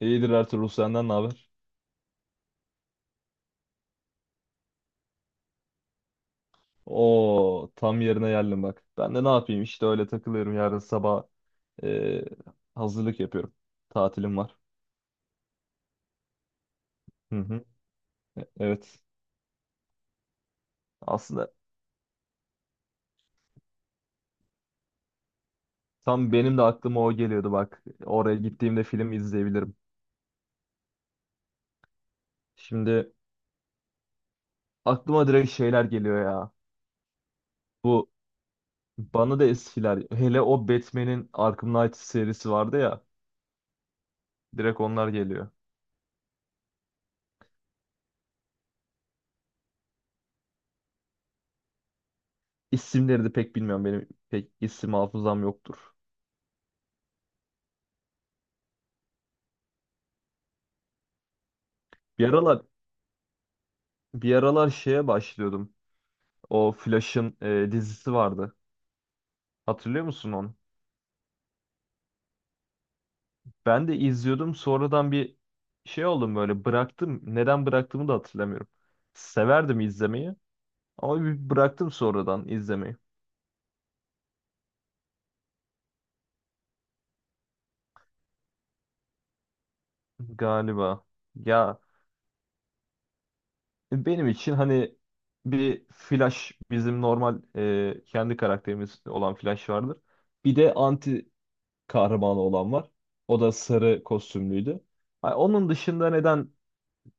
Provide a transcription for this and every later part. İyidir Ertuğrul, senden ne haber? Oo, tam yerine geldim bak. Ben de ne yapayım işte, öyle takılıyorum. Yarın sabah e, hazırlık yapıyorum. Tatilim var. Hı hı. Evet. Aslında tam benim de aklıma o geliyordu bak. Oraya gittiğimde film izleyebilirim. Şimdi aklıma direkt şeyler geliyor ya. Bu bana da eskiler, hele o Batman'in Arkham Knight serisi vardı ya. Direkt onlar geliyor. İsimleri de pek bilmiyorum, benim pek isim hafızam yoktur. Bir aralar Bir aralar şeye başlıyordum. O Flash'ın dizisi vardı. Hatırlıyor musun onu? Ben de izliyordum. Sonradan bir şey oldum, böyle bıraktım. Neden bıraktığımı da hatırlamıyorum. Severdim izlemeyi ama bir bıraktım sonradan izlemeyi. Galiba. Ya benim için hani bir Flash, bizim normal kendi karakterimiz olan Flash vardır. Bir de anti kahramanı olan var. O da sarı kostümlüydü. Ha, onun dışında neden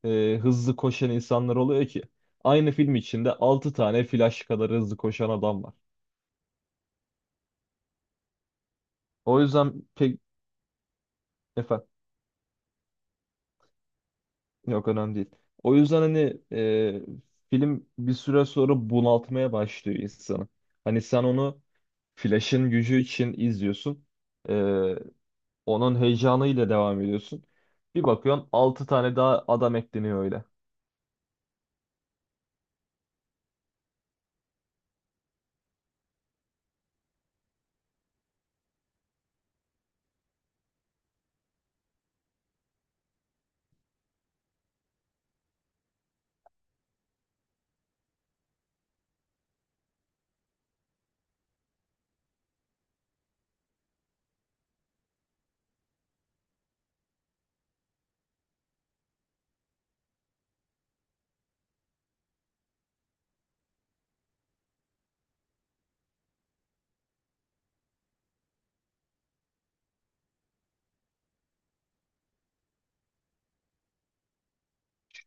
hızlı koşan insanlar oluyor ki aynı film içinde 6 tane Flash kadar hızlı koşan adam var. O yüzden pek efendim, yok önemli değil. O yüzden hani film bir süre sonra bunaltmaya başlıyor insanı. Hani sen onu Flash'ın gücü için izliyorsun. E, Onun heyecanıyla devam ediyorsun. Bir bakıyorsun 6 tane daha adam ekleniyor öyle.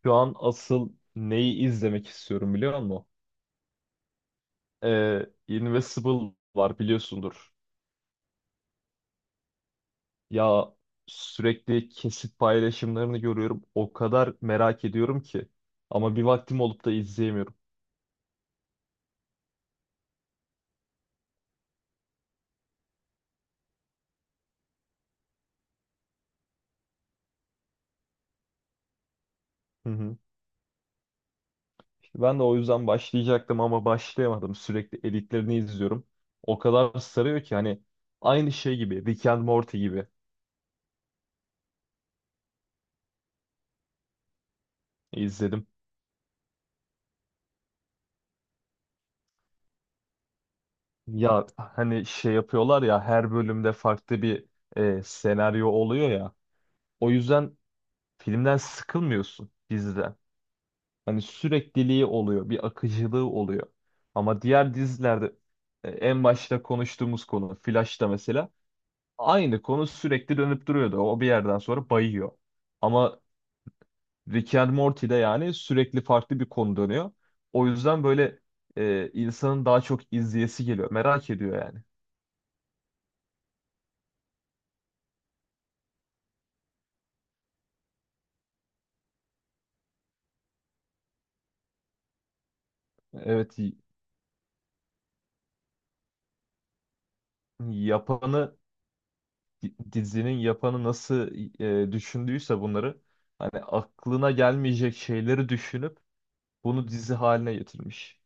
Şu an asıl neyi izlemek istiyorum biliyor musun? Invincible var biliyorsundur. Ya sürekli kesit paylaşımlarını görüyorum. O kadar merak ediyorum ki. Ama bir vaktim olup da izleyemiyorum. Hı hı. İşte ben de o yüzden başlayacaktım ama başlayamadım. Sürekli editlerini izliyorum. O kadar sarıyor ki, hani aynı şey gibi, Rick and Morty gibi izledim. Ya hani şey yapıyorlar ya, her bölümde farklı bir senaryo oluyor ya. O yüzden filmden sıkılmıyorsun, diziden. Hani sürekliliği oluyor, bir akıcılığı oluyor. Ama diğer dizilerde en başta konuştuğumuz konu Flash'ta mesela aynı konu sürekli dönüp duruyordu. O bir yerden sonra bayıyor. Ama Rick and Morty'de yani sürekli farklı bir konu dönüyor. O yüzden böyle insanın daha çok izleyesi geliyor. Merak ediyor yani. Evet, yapanı, dizinin yapanı nasıl düşündüyse bunları, hani aklına gelmeyecek şeyleri düşünüp bunu dizi haline getirmiş.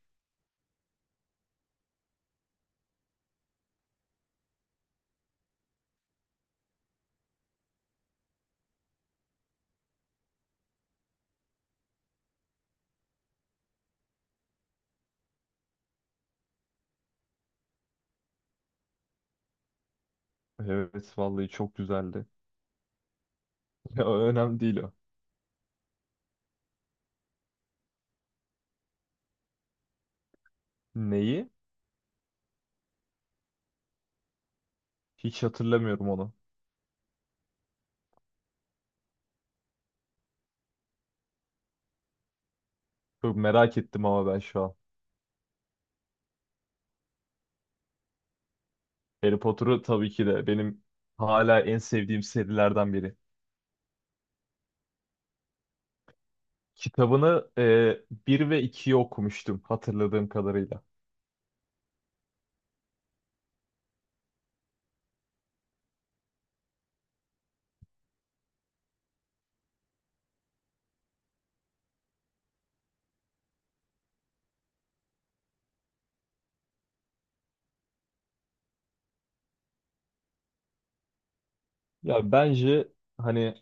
Evet vallahi çok güzeldi. Ya, önemli değil o. Neyi? Hiç hatırlamıyorum onu. Çok merak ettim ama ben şu an. Harry Potter'ı tabii ki de, benim hala en sevdiğim serilerden biri. Kitabını 1 ve 2'yi okumuştum hatırladığım kadarıyla. Ya bence hani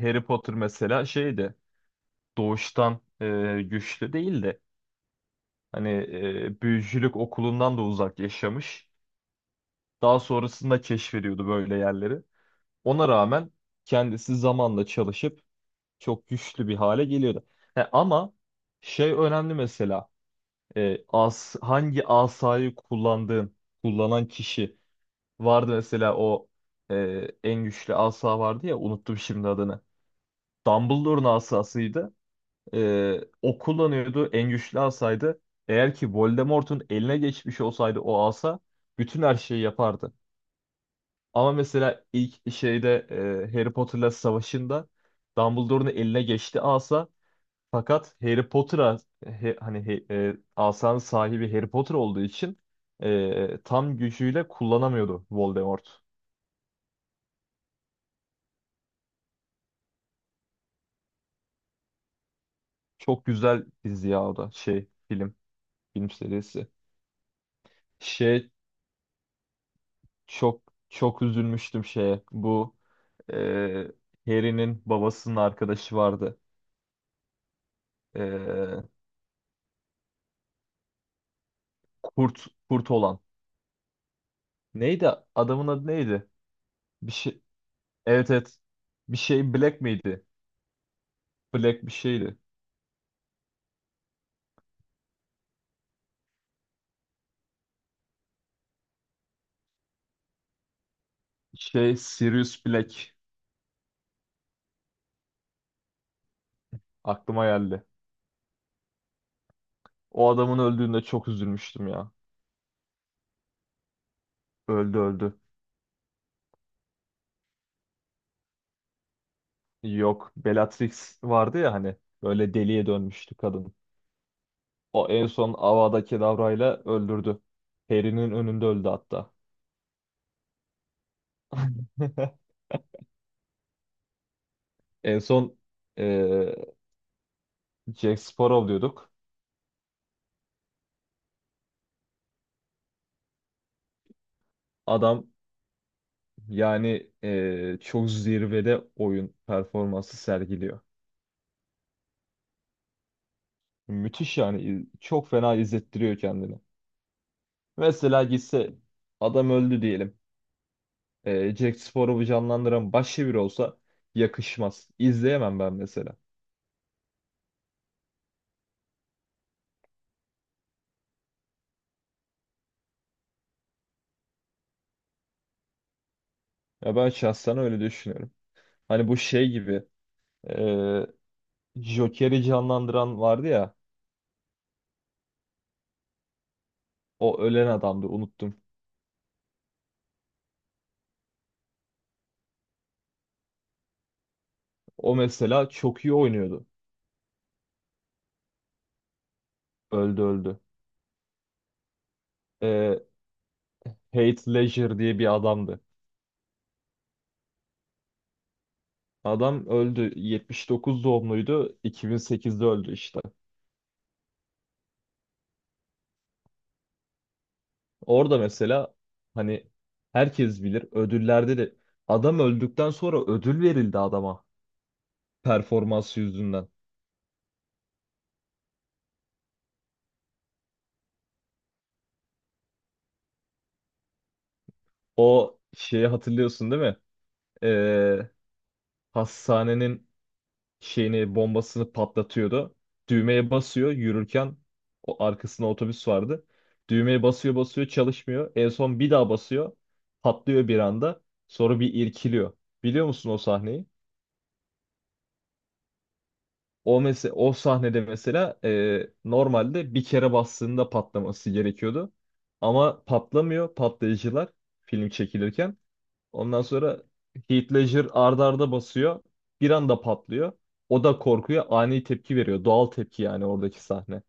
Harry Potter mesela şeydi, doğuştan güçlü değil de hani büyücülük okulundan da uzak yaşamış. Daha sonrasında keşfediyordu böyle yerleri. Ona rağmen kendisi zamanla çalışıp çok güçlü bir hale geliyordu. He, ama şey önemli mesela, hangi asayı kullandığın, kullanan kişi vardı mesela. O e, en güçlü asa vardı ya, unuttum şimdi adını. Dumbledore'un asasıydı. O kullanıyordu, en güçlü asaydı. Eğer ki Voldemort'un eline geçmiş olsaydı o asa bütün her şeyi yapardı. Ama mesela ilk şeyde Harry Potter'la savaşında Dumbledore'un eline geçti asa, fakat Harry Potter'a, asanın sahibi Harry Potter olduğu için tam gücüyle kullanamıyordu Voldemort. Çok güzel dizi ya, o da şey, film, film serisi. Şey, çok çok üzülmüştüm şeye, bu e, Harry'nin babasının arkadaşı vardı. E, kurt olan. Neydi, adamın adı neydi? Bir şey. Evet evet. Bir şey Black miydi? Black bir şeydi. Şey, Sirius Black aklıma geldi. O adamın öldüğünde çok üzülmüştüm ya. Öldü öldü. Yok, Bellatrix vardı ya hani, böyle deliye dönmüştü kadın. O en son Avada Kedavra'yla öldürdü. Harry'nin önünde öldü hatta. En son eee Jack Sparrow diyorduk. Adam yani çok zirvede oyun performansı sergiliyor. Müthiş yani. Çok fena izlettiriyor kendini. Mesela gitse, adam öldü diyelim. Jack Sparrow'u canlandıran başka biri olsa yakışmaz. İzleyemem ben mesela. Ya ben şahsen öyle düşünüyorum. Hani bu şey gibi, e, Joker'i canlandıran vardı ya. O ölen adamdı, unuttum. O mesela çok iyi oynuyordu. Öldü öldü. E, Heath Ledger diye bir adamdı. Adam öldü. 79 doğumluydu. 2008'de öldü işte. Orada mesela hani herkes bilir, ödüllerde de adam öldükten sonra ödül verildi adama, performans yüzünden. O şeyi hatırlıyorsun değil mi? Ee, Hastanenin şeyini, bombasını patlatıyordu. Düğmeye basıyor yürürken, o, arkasında otobüs vardı. Düğmeye basıyor basıyor, çalışmıyor. En son bir daha basıyor. Patlıyor bir anda. Sonra bir irkiliyor. Biliyor musun o sahneyi? O mesela o sahnede mesela, normalde bir kere bastığında patlaması gerekiyordu. Ama patlamıyor patlayıcılar, film çekilirken. Ondan sonra Heath Ledger arda arda basıyor. Bir anda patlıyor. O da korkuyor, ani tepki veriyor. Doğal tepki, yani oradaki sahne.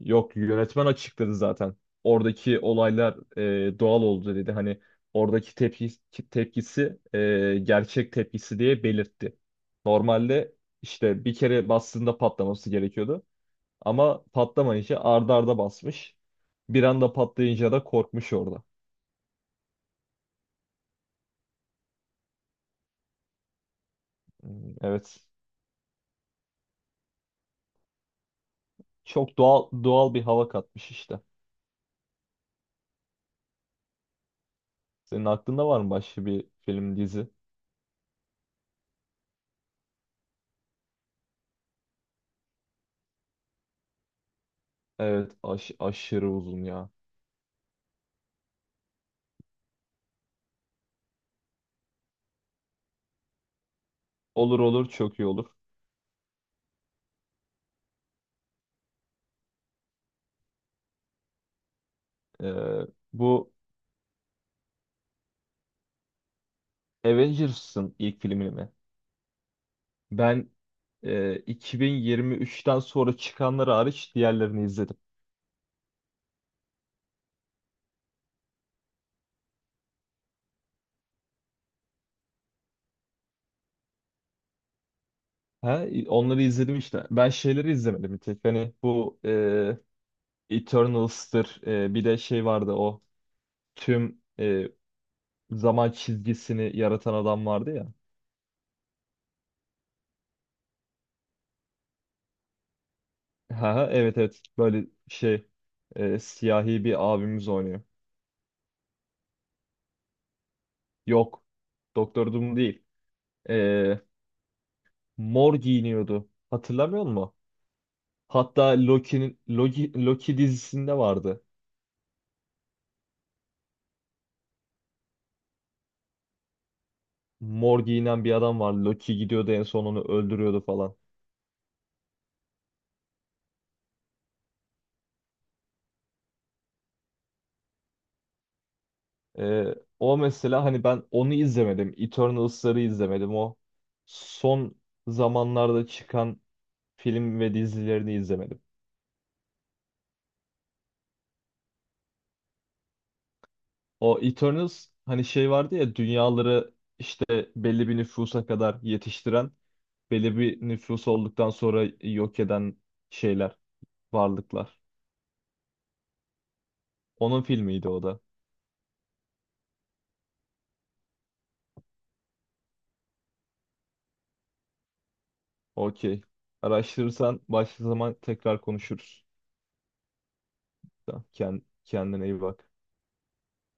Yok, yönetmen açıkladı zaten. Oradaki olaylar doğal oldu dedi. Hani oradaki tepkisi gerçek tepkisi diye belirtti. Normalde işte bir kere bastığında patlaması gerekiyordu. Ama patlamayınca arda arda basmış. Bir anda patlayınca da korkmuş orada. Hmm. Evet. Çok doğal bir hava katmış işte. Senin aklında var mı başka bir film, dizi? Evet, aşırı uzun ya. Olur olur, çok iyi olur. Ee, Bu Avengers'ın ilk filmini mi? Ben 2023'ten sonra çıkanları hariç diğerlerini izledim. Ha, onları izledim işte. Ben şeyleri izlemedim bir tek. Hani bu Eternals'tır. Bir de şey vardı, o tüm zaman çizgisini yaratan adam vardı ya. Ha, ha, evet evet. Böyle şey, siyahi bir abimiz oynuyor. Yok. Doktor Doom değil. E, Mor giyiniyordu. Hatırlamıyor musun? Hatta Loki'nin, Loki dizisinde vardı. Mor giyinen bir adam var. Loki gidiyordu, en son onu öldürüyordu falan. O mesela hani ben onu izlemedim. Eternals'ları izlemedim. O son zamanlarda çıkan film ve dizilerini izlemedim. O Eternals, hani şey vardı ya, dünyaları işte belli bir nüfusa kadar yetiştiren, belli bir nüfus olduktan sonra yok eden şeyler, varlıklar. Onun filmiydi o da. Okey. Araştırırsan başka zaman tekrar konuşuruz. Tamam. Kendine iyi bak.